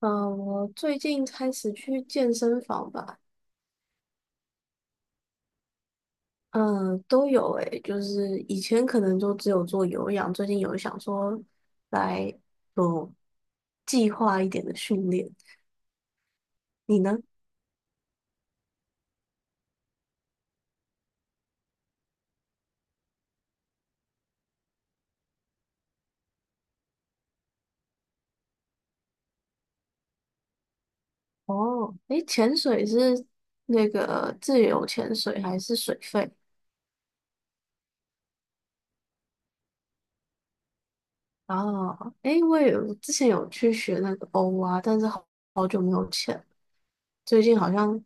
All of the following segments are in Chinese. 嗯，我最近开始去健身房吧，嗯，都有诶，就是以前可能就只有做有氧，最近有想说来有计划一点的训练。你呢？哦，诶，潜水是那个自由潜水还是水肺？哦，诶，我也有之前有去学那个欧啊，但是好久没有潜了最近好像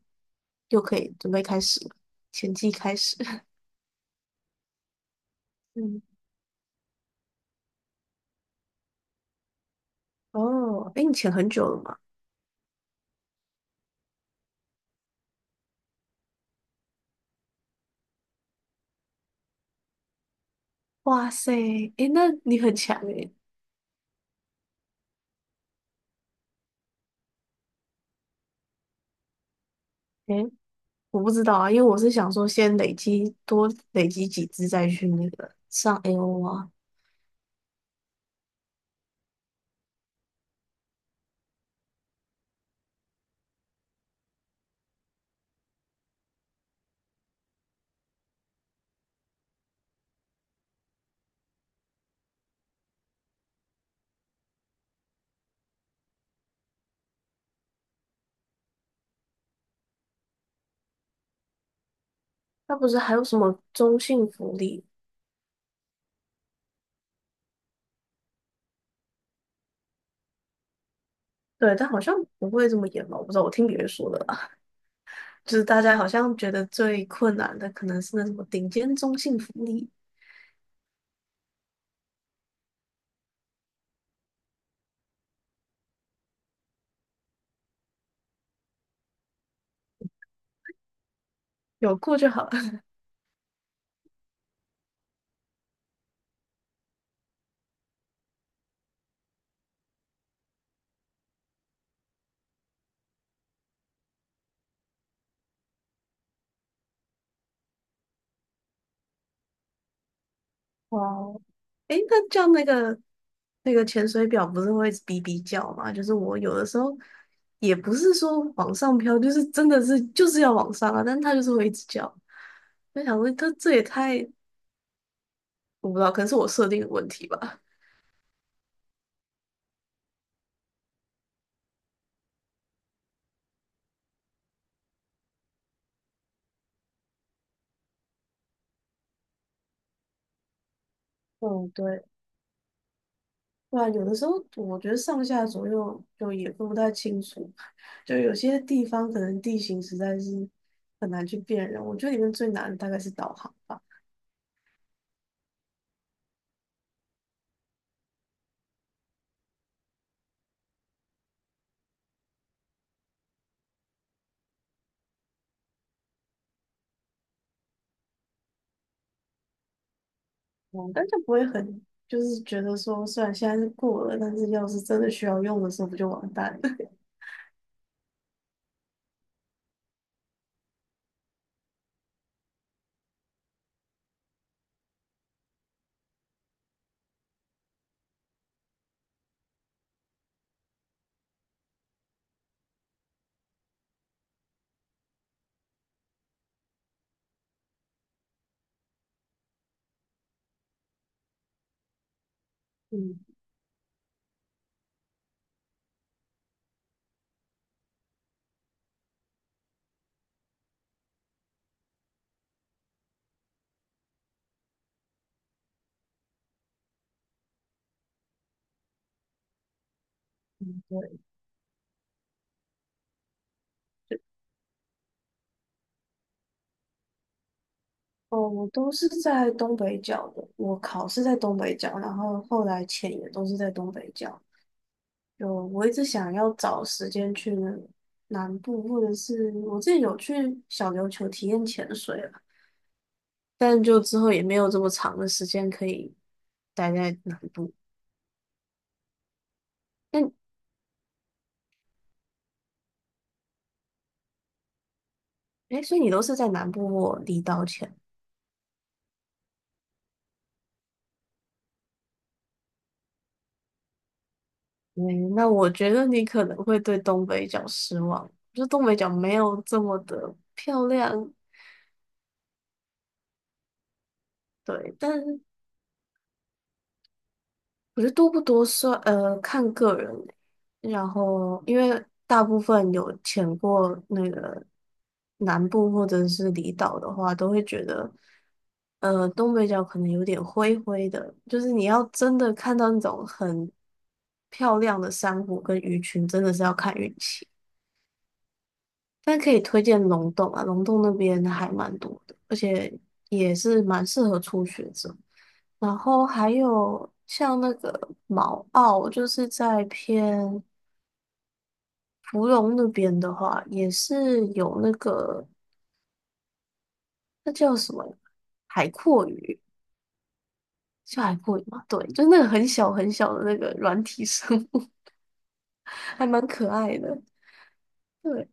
又可以准备开始了，潜季开始。嗯哦，哎，你潜很久了吗？哇塞，哎，那你很强哎。哎，我不知道啊，因为我是想说先累积多累积几只再去那个上 AO 啊。那不是还有什么中性福利？对，但好像不会这么严吧？我不知道，我听别人说的啦。就是大家好像觉得最困难的可能是那什么顶尖中性福利，有过就好。了。哇哦，诶，那叫那个潜水表不是会哔哔叫吗？就是我有的时候也不是说往上飘，就是真的是就是要往上啊，但它就是会一直叫。我想问，它这也太我不知道，可能是我设定的问题吧。嗯，对，对啊，有的时候我觉得上下左右就也分不太清楚，就有些地方可能地形实在是很难去辨认。我觉得里面最难的大概是导航吧。嗯，但就不会很，就是觉得说，虽然现在是过了，但是要是真的需要用的时候，不就完蛋了？嗯，对，哦，我都是在东北角的，我考是在东北角，然后后来潜也都是在东北角。就我一直想要找时间去南部，或者是我自己有去小琉球体验潜水了，但就之后也没有这么长的时间可以待在南部。那，哎，所以你都是在南部或离岛潜？嗯，那我觉得你可能会对东北角失望，就东北角没有这么的漂亮，对，但是我觉得多不多算，呃，看个人欸然后，因为大部分有潜过那个南部或者是离岛的话，都会觉得，呃，东北角可能有点灰灰的，就是你要真的看到那种很漂亮的珊瑚跟鱼群，真的是要看运气。但可以推荐龙洞啊，龙洞那边还蛮多的，而且也是蛮适合初学者。然后还有像那个毛澳，就是在偏芙蓉那边的话，也是有那个那叫什么海阔鱼，叫海阔鱼吗？对，就是那个很小很小的那个软体生物，还蛮可爱的。对。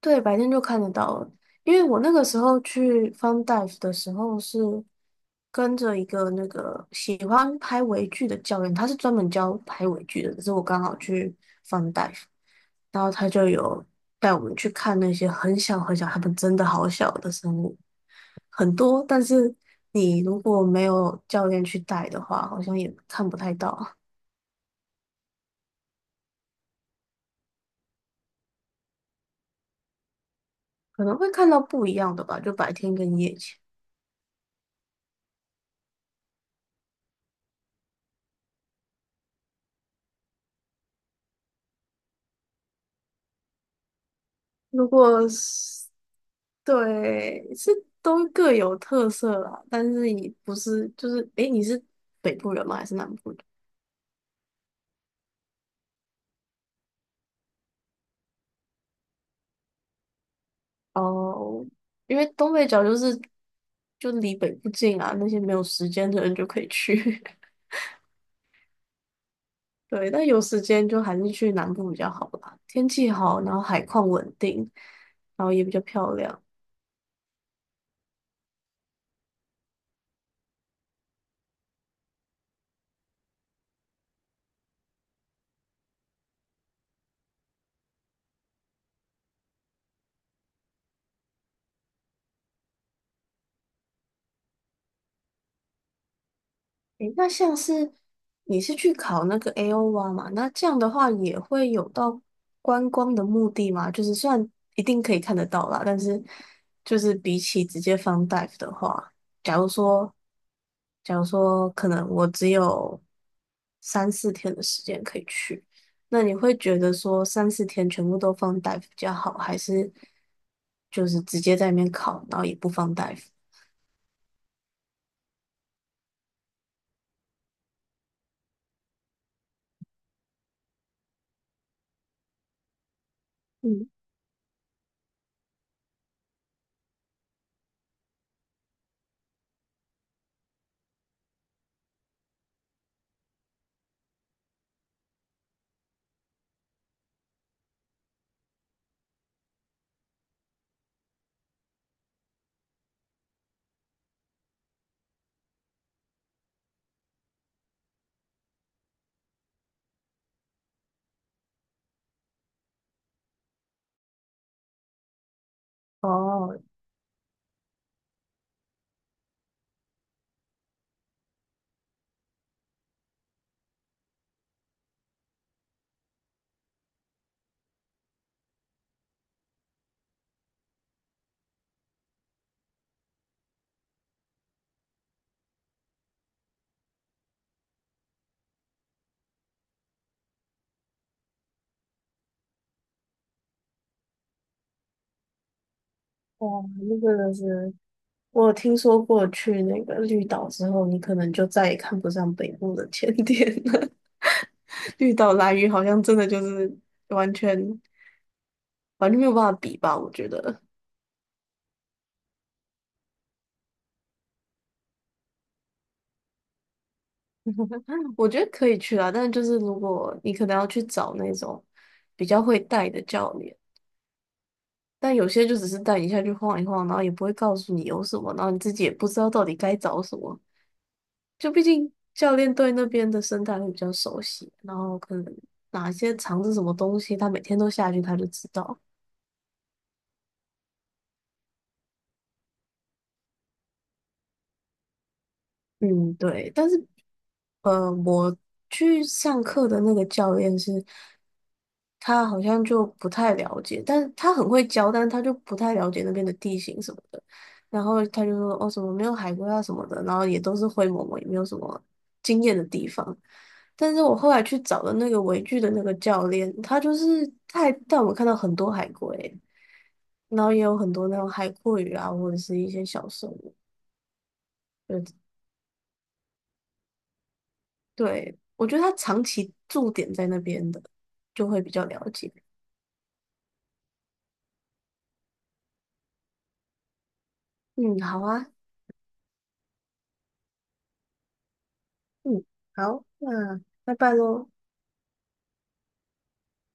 对，白天就看得到了。因为我那个时候去 Fun Dive 的时候，是跟着一个那个喜欢拍微距的教练，他是专门教拍微距的。只是我刚好去 Fun Dive，然后他就有带我们去看那些很小很小，他们真的好小的生物，很多。但是你如果没有教练去带的话，好像也看不太到，可能会看到不一样的吧，就白天跟夜间。如果是对，是都各有特色啦，但是你不是就是，诶，你是北部人吗？还是南部人？哦，因为东北角就是就离北部近啊，那些没有时间的人就可以去。对，但有时间就还是去南部比较好吧，天气好，然后海况稳定，然后也比较漂亮。诶，那像是你是去考那个 AOR 嘛？那这样的话也会有到观光的目的吗？就是虽然一定可以看得到啦，但是就是比起直接放 dive 的话，假如说，假如说可能我只有三四天的时间可以去，那你会觉得说三四天全部都放 dive 比较好，还是就是直接在里面考，然后也不放 dive？嗯，哦，哇，那个是。我有听说过去那个绿岛之后，你可能就再也看不上北部的甜点了。绿岛蓝鱼好像真的就是完全完全没有办法比吧，我觉得。我觉得可以去啊，但是就是如果你可能要去找那种比较会带的教练，但有些就只是带你下去晃一晃，然后也不会告诉你有什么，然后你自己也不知道到底该找什么。就毕竟教练对那边的生态会比较熟悉，然后可能哪些藏着什么东西，他每天都下去，他就知道。嗯，对。但是呃，我去上课的那个教练是，他好像就不太了解，但是他很会教，但是他就不太了解那边的地形什么的。然后他就说：“哦，什么没有海龟啊什么的，然后也都是灰蒙蒙，也没有什么惊艳的地方。”但是我后来去找了那个围剧的那个教练，他就是他还带我们看到很多海龟，然后也有很多那种海蛞蝓啊，或者是一些小生物。对，我觉得他长期驻点在那边的，就会比较了解。嗯，好啊，嗯，好，那拜拜喽。